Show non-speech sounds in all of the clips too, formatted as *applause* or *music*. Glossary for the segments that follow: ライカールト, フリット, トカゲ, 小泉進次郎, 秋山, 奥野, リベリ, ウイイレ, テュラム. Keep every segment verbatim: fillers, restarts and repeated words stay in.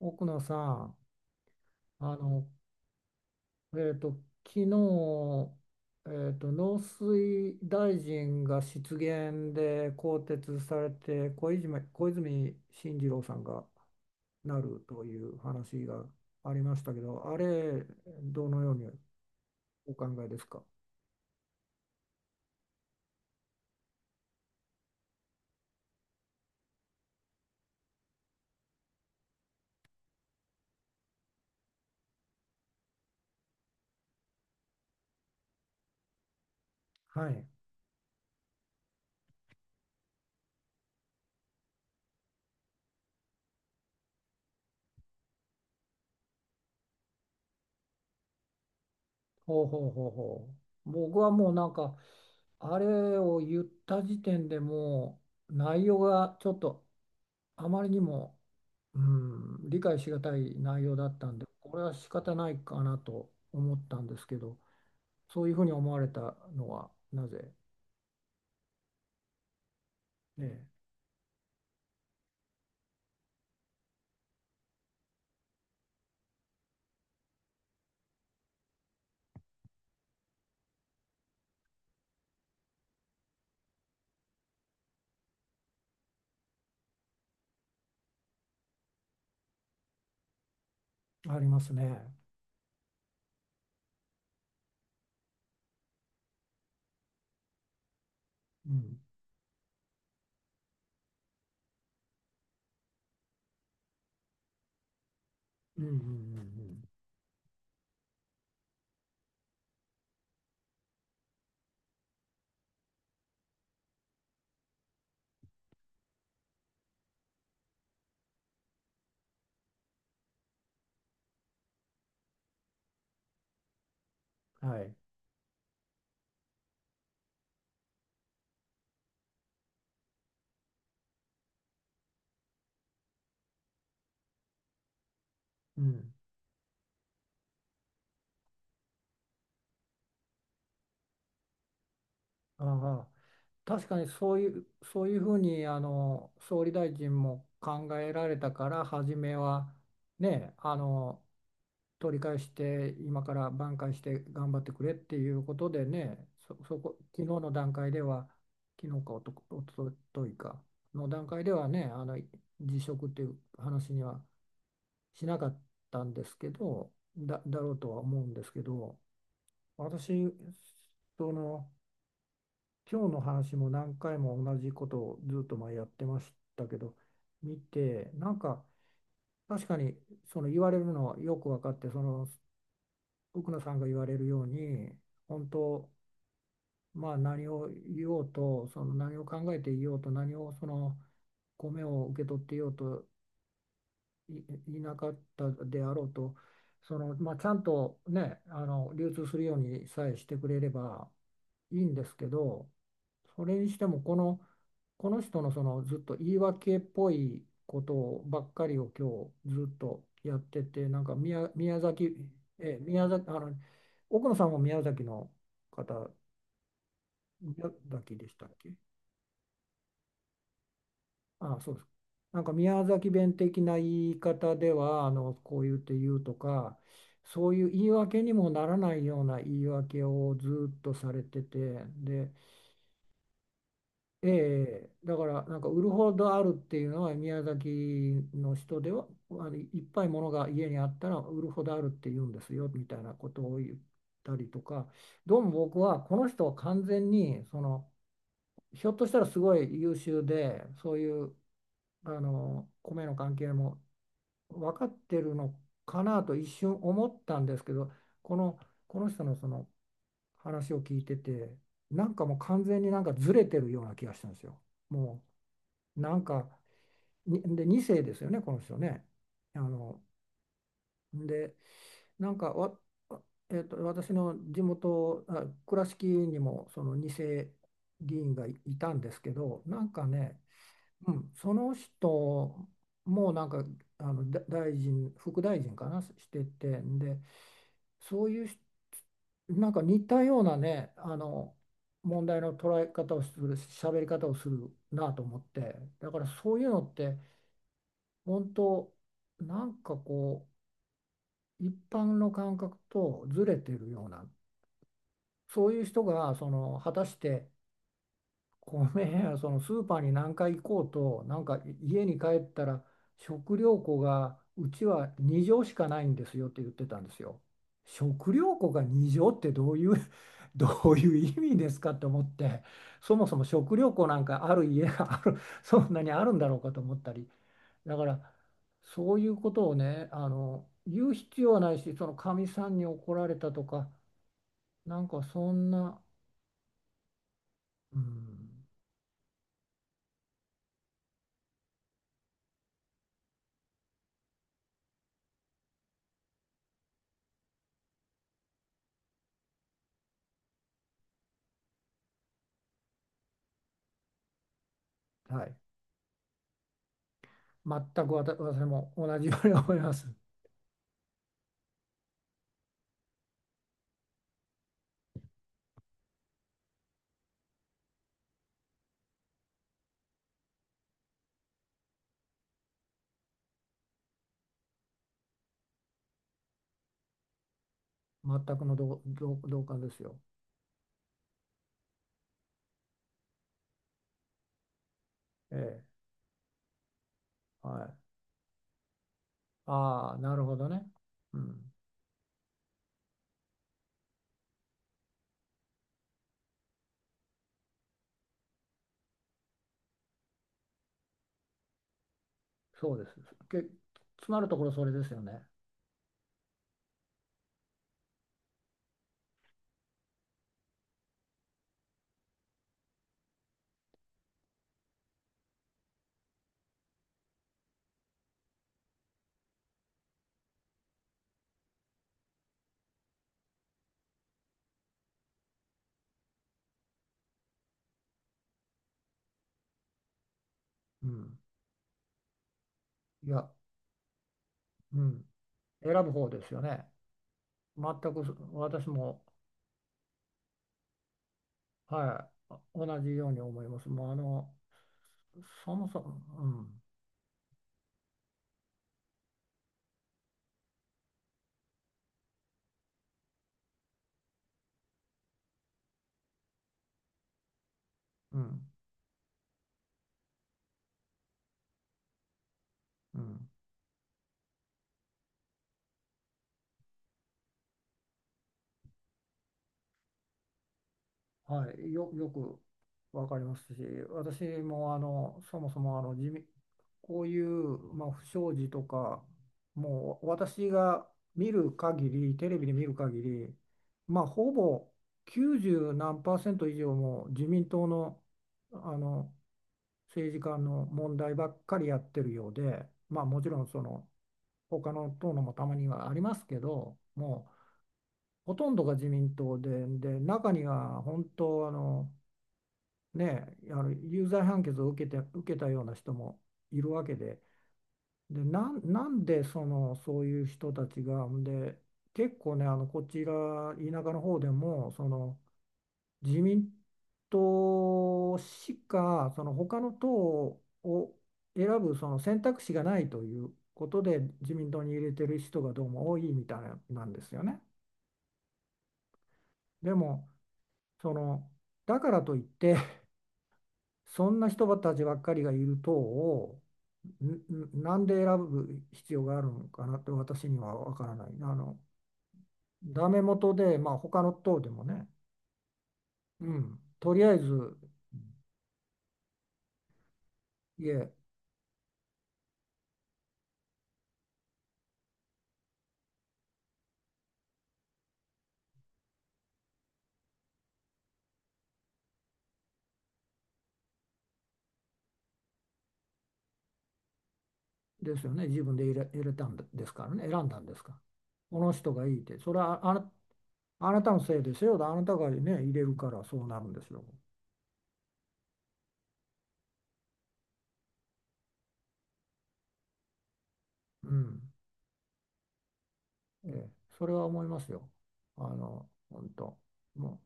奥野さん、あの、えっと、昨日、えっと、農水大臣が失言で更迭されて、小泉、小泉進次郎さんがなるという話がありましたけど、あれ、どのようにお考えですか？はい。ほうほうほうほう。僕はもうなんか、あれを言った時点でもう内容がちょっとあまりにもうん、理解しがたい内容だったんで、これは仕方ないかなと思ったんですけど、そういうふうに思われたのはなぜ？ええ、ありますね。うん、うん、うん、うんうん、はい、うん、ああ。確かにそういう、そういうふうにあの総理大臣も考えられたから、初めはね、あの取り返して今から挽回して頑張ってくれっていうことでね、そ、そこ昨日の段階では、昨日かおと、おとといかの段階ではね、あの辞職っていう話にはしなかったんですけど、だ、だろうとは思うんですけど、私、その今日の話も何回も同じことをずっと前やってましたけど、見てなんか、確かにその言われるのはよく分かって、その奥野さんが言われるように、本当、まあ何を言おうと、その何を考えていようと、何をその米を受け取っていようと、い、いなかったであろうと、その、まあ、ちゃんとね、あの流通するようにさえしてくれればいいんですけど、それにしてもこのこの人の、そのずっと言い訳っぽいことばっかりを今日ずっとやってて、なんか宮、宮崎、え宮崎、あの奥野さんも宮崎の方、宮崎でしたっけ？ああそうです。なんか宮崎弁的な言い方では、あのこう言って言うとか、そういう言い訳にもならないような言い訳をずっとされててで、ええ、だからなんか、売るほどあるっていうのは、宮崎の人ではあのいっぱいものが家にあったら売るほどあるって言うんですよみたいなことを言ったりとか、どうも僕はこの人は完全に、そのひょっとしたらすごい優秀で、そういうあの米の関係も分かってるのかなと一瞬思ったんですけど、この、この人の、その話を聞いてて、なんかもう完全になんかずれてるような気がしたんですよ。もうなんか、にで、にせい世ですよね、この人ね。あの、で、なんかわ、えっと、私の地元、あ、倉敷にもそのにせい世議員がい、いたんですけど、なんかね、うん、その人もなんか、あの、だ大臣、副大臣かな、してて、んで、そういう人、なんか似たようなね、あの、問題の捉え方をする、喋り方をするなと思って、だからそういうのって、本当、なんかこう一般の感覚とずれてるような、そういう人が、その果たして米や、そのスーパーに何回行こうと、なんか家に帰ったら、食料庫がうちはにじょう畳しかないんですよって言ってたんですよ。食料庫がにじょう畳ってどういう *laughs* どういう意味ですかって思って、そもそも食料庫なんかある家がある、そんなにあるんだろうかと思ったり。だからそういうことをね、あの言う必要はないし、そのかみさんに怒られたとか、なんかそんな、うん、はい。全くわた私も同じように思います。全くの同、同、同感ですよ。ええ、はい、ああ、なるほどね、うん、そうです。けつまるところそれですよね。うん、いや、うん、選ぶ方ですよね。全くそ私も、はい、同じように思います。もうあの、そもそも、うん、うん、うん、はい、よ、よくわかりますし、私もあの、そもそもあの、地味、こういう、まあ、不祥事とか、もう私が見る限り、テレビで見る限り、まあ、ほぼきゅうじゅう何パーセント以上も自民党の、あの政治家の問題ばっかりやってるようで、まあ、もちろんその他の党のもたまにはありますけど、もうほとんどが自民党で、で中には本当あの、ね、あの有罪判決を受けて、受けたような人もいるわけで、でなん、なんで、そのそういう人たちが、で結構ね、あのこちら田舎の方でも、その自民党しか、その他の党を選ぶその選択肢がないということで、自民党に入れてる人がどうも多いみたいなんですよね。でもそのだからといって、そんな人たちばっかりがいる党を、んんなんで選ぶ必要があるのかなって、私には分からない。あのダメ元で、まあ、他の党でもね、うん、とりあえず、いえ。ですよね。自分で入れ、入れたんですからね。選んだんですから。この人がいいって。それはあな、あなたのせいですよ。あなたがね、入れるからそうなるんですよ。うん。ええ、それは思いますよ。あの、本当。も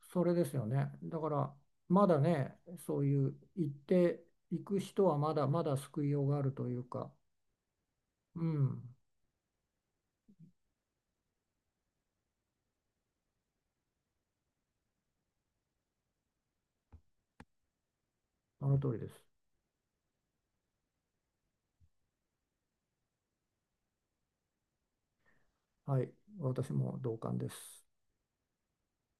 う、それですよね。だから、まだね、そういう行っていく人はまだまだ救いようがあるというか、うん、あの通りです。はい、私も同感です。